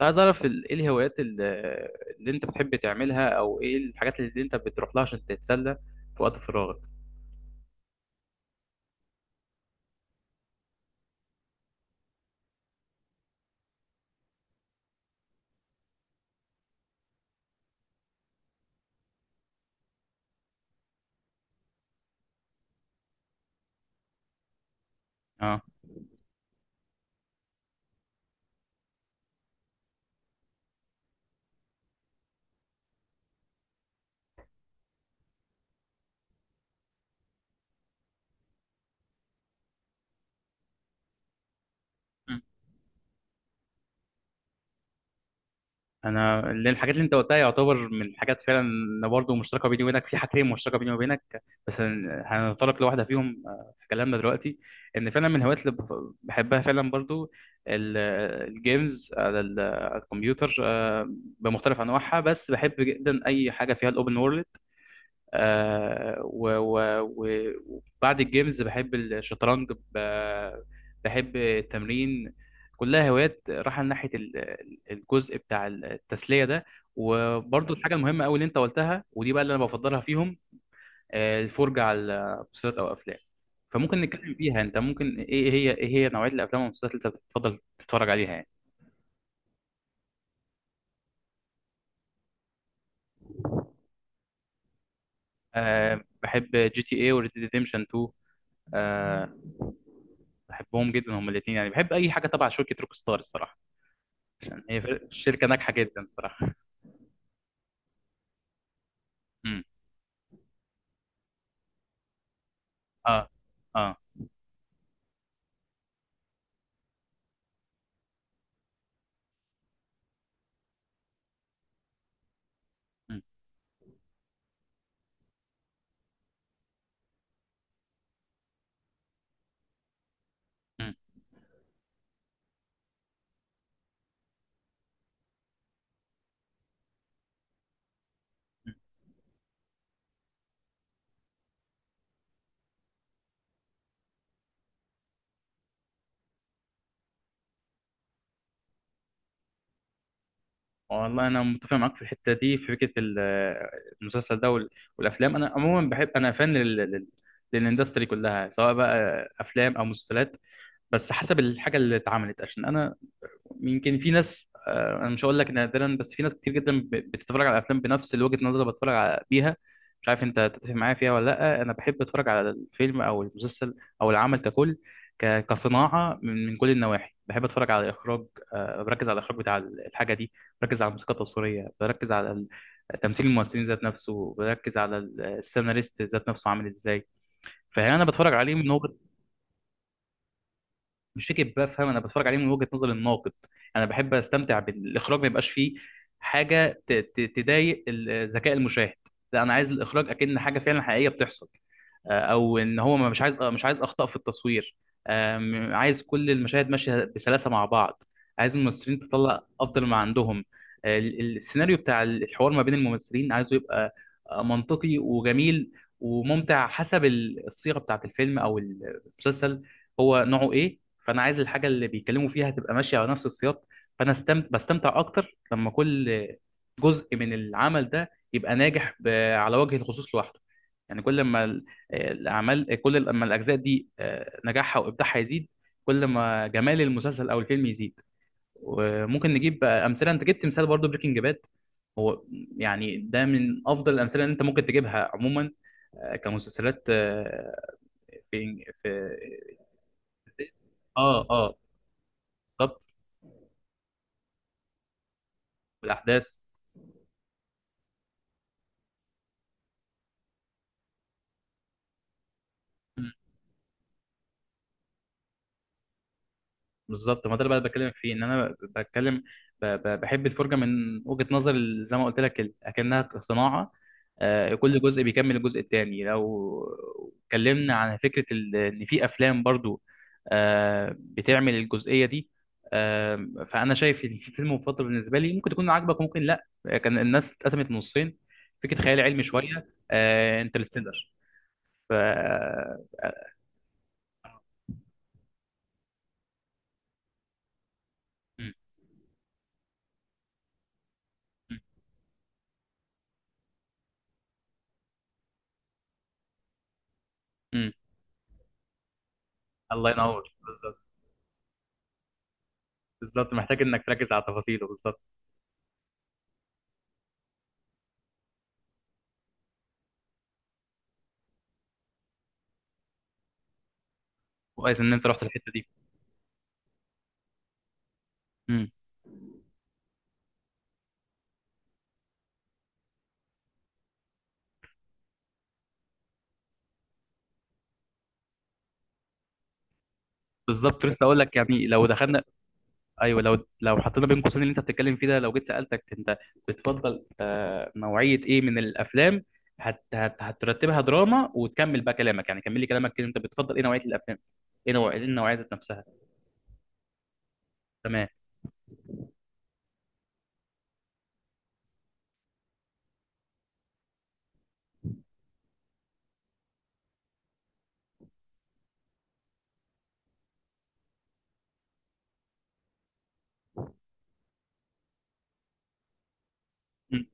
عايز اعرف ايه الهوايات اللي انت بتحب تعملها او ايه الحاجات اللي انت بتروح لها عشان تتسلى في وقت فراغك. اه. مم. انا، الحاجات اللي انت قلتها يعتبر من الحاجات فعلا، إن برضه مشتركه بيني وبينك في حاجتين مشتركه بيني وبينك، بس هنتطرق لواحده فيهم في كلامنا دلوقتي. ان فعلا من الهوايات اللي بحبها فعلا برضه، ال- الجيمز على الكمبيوتر، آه، بمختلف انواعها، بس بحب جدا اي حاجه فيها الاوبن وورلد. وبعد الجيمز بحب الشطرنج، بحب التمرين. كلها هوايات رايحة ناحية الجزء بتاع التسلية ده. وبرضه الحاجة المهمة أوي اللي أنت قلتها، ودي بقى اللي أنا بفضلها فيهم، الفرجة على مسلسلات أو أفلام. فممكن نتكلم فيها. أنت ممكن إيه هي نوعية الأفلام والمسلسلات اللي أنت بتفضل تتفرج عليها يعني؟ أه، بحب جي تي إيه وريد ديمشن 2. أه، بحبهم جدا هما الاتنين، يعني بحب أي حاجة تبع شركة روك ستار الصراحة. هي شركة ناجحة جدا الصراحة. امم. اه اه. مم. مم. مم. والله انا متفق معاك في الحتة دي، في فكرة المسلسل ده والافلام. انا عموما بحب، انا فان للاندستري كلها، سواء بقى افلام او مسلسلات، بس حسب الحاجة اللي اتعملت. عشان انا يمكن في ناس، انا مش هقول لك نادرا، بس في ناس كتير جدا بتتفرج على الافلام بنفس وجهة النظر اللي بتفرج بيها. مش عارف انت تتفق معايا فيها ولا لا. انا بحب اتفرج على الفيلم او المسلسل او العمل ككل، كصناعة، من كل النواحي. بحب اتفرج على الاخراج، بركز على الاخراج بتاع الحاجة دي، بركز على الموسيقى التصويرية، بركز على تمثيل الممثلين ذات نفسه، بركز على السيناريست ذات نفسه عامل ازاي. فانا بتفرج عليه من نقطة. مش فكره بفهم، انا بتفرج عليه من وجهه نظر الناقد. انا بحب استمتع بالاخراج، ما يبقاش فيه حاجه تضايق ذكاء المشاهد. لا، انا عايز الاخراج اكن حاجه فعلا حقيقيه بتحصل، او ان هو مش عايز اخطاء في التصوير. عايز كل المشاهد ماشيه بسلاسه مع بعض، عايز الممثلين تطلع افضل ما عندهم. السيناريو بتاع الحوار ما بين الممثلين عايزه يبقى منطقي وجميل وممتع، حسب الصيغه بتاعت الفيلم او المسلسل هو نوعه ايه. فانا عايز الحاجه اللي بيتكلموا فيها تبقى ماشيه على نفس السياق. فانا بستمتع اكتر لما كل جزء من العمل ده يبقى ناجح على وجه الخصوص لوحده. يعني كل ما ال- الاعمال كل لما الاجزاء دي نجاحها وابداعها يزيد، كل ما جمال المسلسل او الفيلم يزيد. وممكن نجيب بقى امثله. انت جبت مثال برضو، بريكنج باد. هو يعني ده من افضل الامثله اللي انت ممكن تجيبها عموما، كمسلسلات، آه، في في اه اه، بالظبط. بالاحداث. مم. بالظبط، ما ده اللي بقى بكلمك فيه. ان انا بتكلم، بحب الفرجه من وجهه نظر زي ما قلت لك، اكنها صناعه. كل جزء بيكمل الجزء التاني. لو اتكلمنا عن فكره ان في افلام برضو بتعمل الجزئيه دي، فانا شايف ان في فيلم مفضل بالنسبه لي ممكن تكون عاجبك وممكن لا. كان الناس اتقسمت نصين، فكره خيال علمي شويه، انترستيلر. ف مم. الله ينور، بالظبط. بالظبط، محتاج انك تركز على تفاصيله بالظبط. كويس ان انت رحت الحته دي. امم. بالظبط، لسه اقول لك يعني لو دخلنا. ايوه، لو حطينا بين قوسين اللي انت بتتكلم فيه ده، لو جيت سالتك انت بتفضل نوعيه ايه من الافلام، هترتبها دراما، وتكمل بقى كلامك يعني. كمل لي كلامك كده، انت بتفضل ايه نوعيه الافلام، ايه النوعيه ذات نفسها؟ تمام. امم.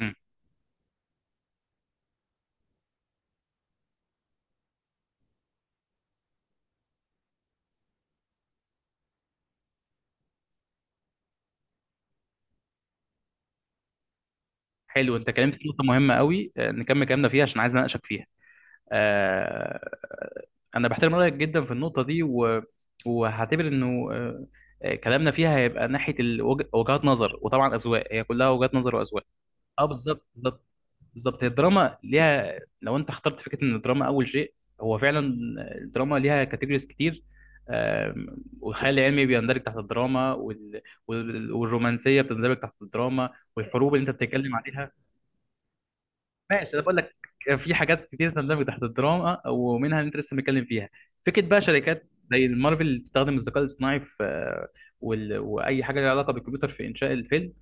امم. حلو، انت كلمت في نقطه مهمه قوي. نكمل كلامنا فيها عشان عايز اناقشك فيها. آه، انا بحترم رايك جدا في النقطه دي وهعتبر انه، كلامنا فيها هيبقى ناحيه وجهات نظر، وطبعا اذواق، هي كلها وجهات نظر واذواق. اه، بالظبط، بالظبط، بالظبط. هي الدراما ليها، لو انت اخترت فكره ان الدراما اول شيء، هو فعلا الدراما ليها كاتيجوريز كتير. والخيال العلمي بيندرج تحت الدراما، والرومانسيه بتندرج تحت الدراما، والحروب اللي انت بتتكلم عليها. ماشي، انا بقول لك في حاجات كتير تندمج تحت الدراما ومنها اللي انت لسه متكلم فيها. فكره بقى شركات زي مارفل تستخدم الذكاء الاصطناعي في، واي حاجه لها علاقه بالكمبيوتر في انشاء الفيلم.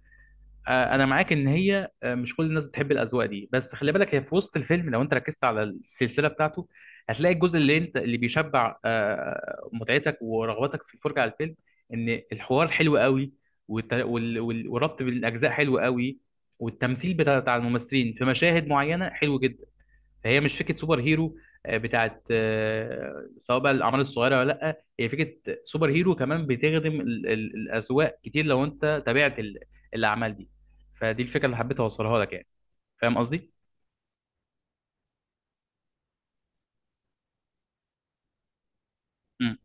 انا معاك ان هي، مش كل الناس بتحب الاذواق دي، بس خلي بالك هي في وسط الفيلم. لو انت ركزت على السلسله بتاعته هتلاقي الجزء اللي بيشبع متعتك ورغبتك في الفرجه على الفيلم، ان الحوار حلو قوي، والربط بين الاجزاء حلو قوي، والتمثيل بتاع الممثلين في مشاهد معينه حلو جدا. فهي مش فكره سوبر هيرو، بتاعت، سواء بقى الاعمال الصغيره ولا لا، هي فكره سوبر هيرو كمان بتخدم الاذواق كتير لو انت تابعت الاعمال دي. فدي الفكره اللي حبيت اوصلها لك يعني. فاهم قصدي؟ مم.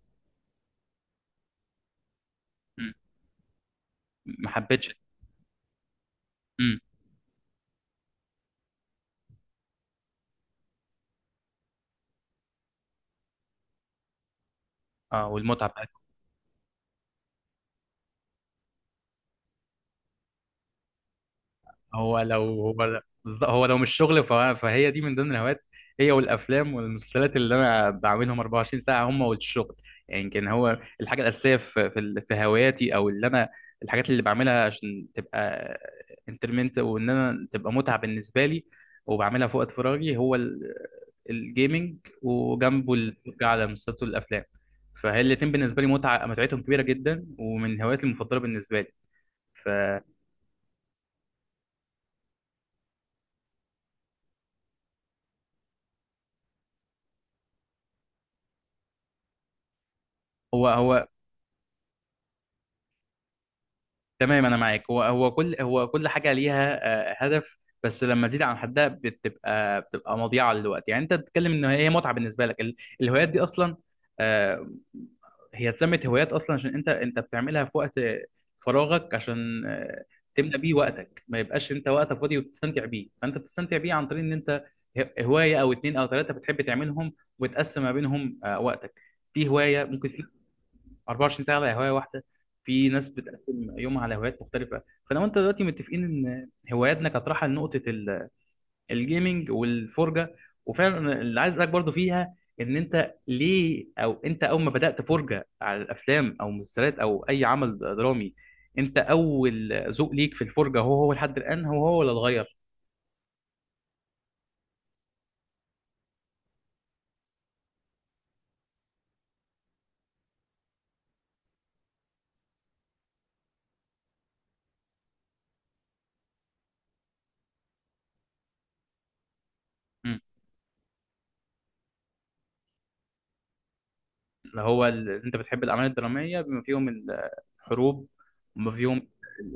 مم. ما حبيتش. مم. اه، والمتعه. هو لو مش شغل فهي دي من ضمن الهوايات، هي والافلام والمسلسلات اللي انا بعملهم 24 ساعه، هم والشغل. يعني يمكن هو الحاجه الاساسيه في هواياتي، او اللي انا، الحاجات اللي بعملها عشان تبقى انترمنت وان انا تبقى متعه بالنسبه لي وبعملها في وقت فراغي، هو الجيمنج وجنبه الفرجه على مسلسلات والافلام. فهي الاتنين بالنسبه لي، متعتهم كبيره جدا ومن هواياتي المفضله بالنسبه لي. ف تمام، انا معاك. هو كل حاجه ليها هدف، بس لما تزيد عن حدها بتبقى مضيعه للوقت. يعني انت بتتكلم ان هي متعه بالنسبه لك، الهوايات دي اصلا، آه، هي اتسمت هوايات اصلا عشان انت بتعملها في وقت فراغك عشان تملى بيه وقتك، ما يبقاش انت وقتك فاضي وبتستمتع بيه. فانت بتستمتع بيه عن طريق ان انت هوايه او اتنين او تلاته بتحب تعملهم وتقسم ما بينهم وقتك. في هوايه ممكن 24 ساعه على هوايه واحده، في ناس بتقسم يومها على هوايات مختلفه. فلو انت دلوقتي متفقين ان هواياتنا كانت رايحه لنقطه الجيمنج والفرجه، وفعلا أنا اللي عايز اسالك برضه فيها ان انت ليه، او انت اول ما بدات فرجه على الافلام او مسلسلات او اي عمل درامي، انت اول ذوق ليك في الفرجه هو هو لحد الان، هو هو ولا اتغير؟ مم. اللي هو، انت بتحب الاعمال الدراميه بما فيهم الحروب، وما فيهم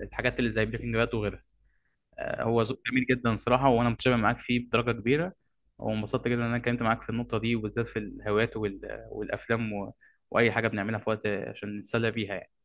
الحاجات اللي زي بريكنج باد وغيرها. هو ذوق جميل جدا صراحة، وأنا متشابه معاك فيه بدرجة كبيرة. وانبسطت جدا إن أنا اتكلمت معاك في النقطة دي، وبالذات في الهوايات والأفلام وأي حاجة بنعملها في وقت عشان نتسلى بيها يعني.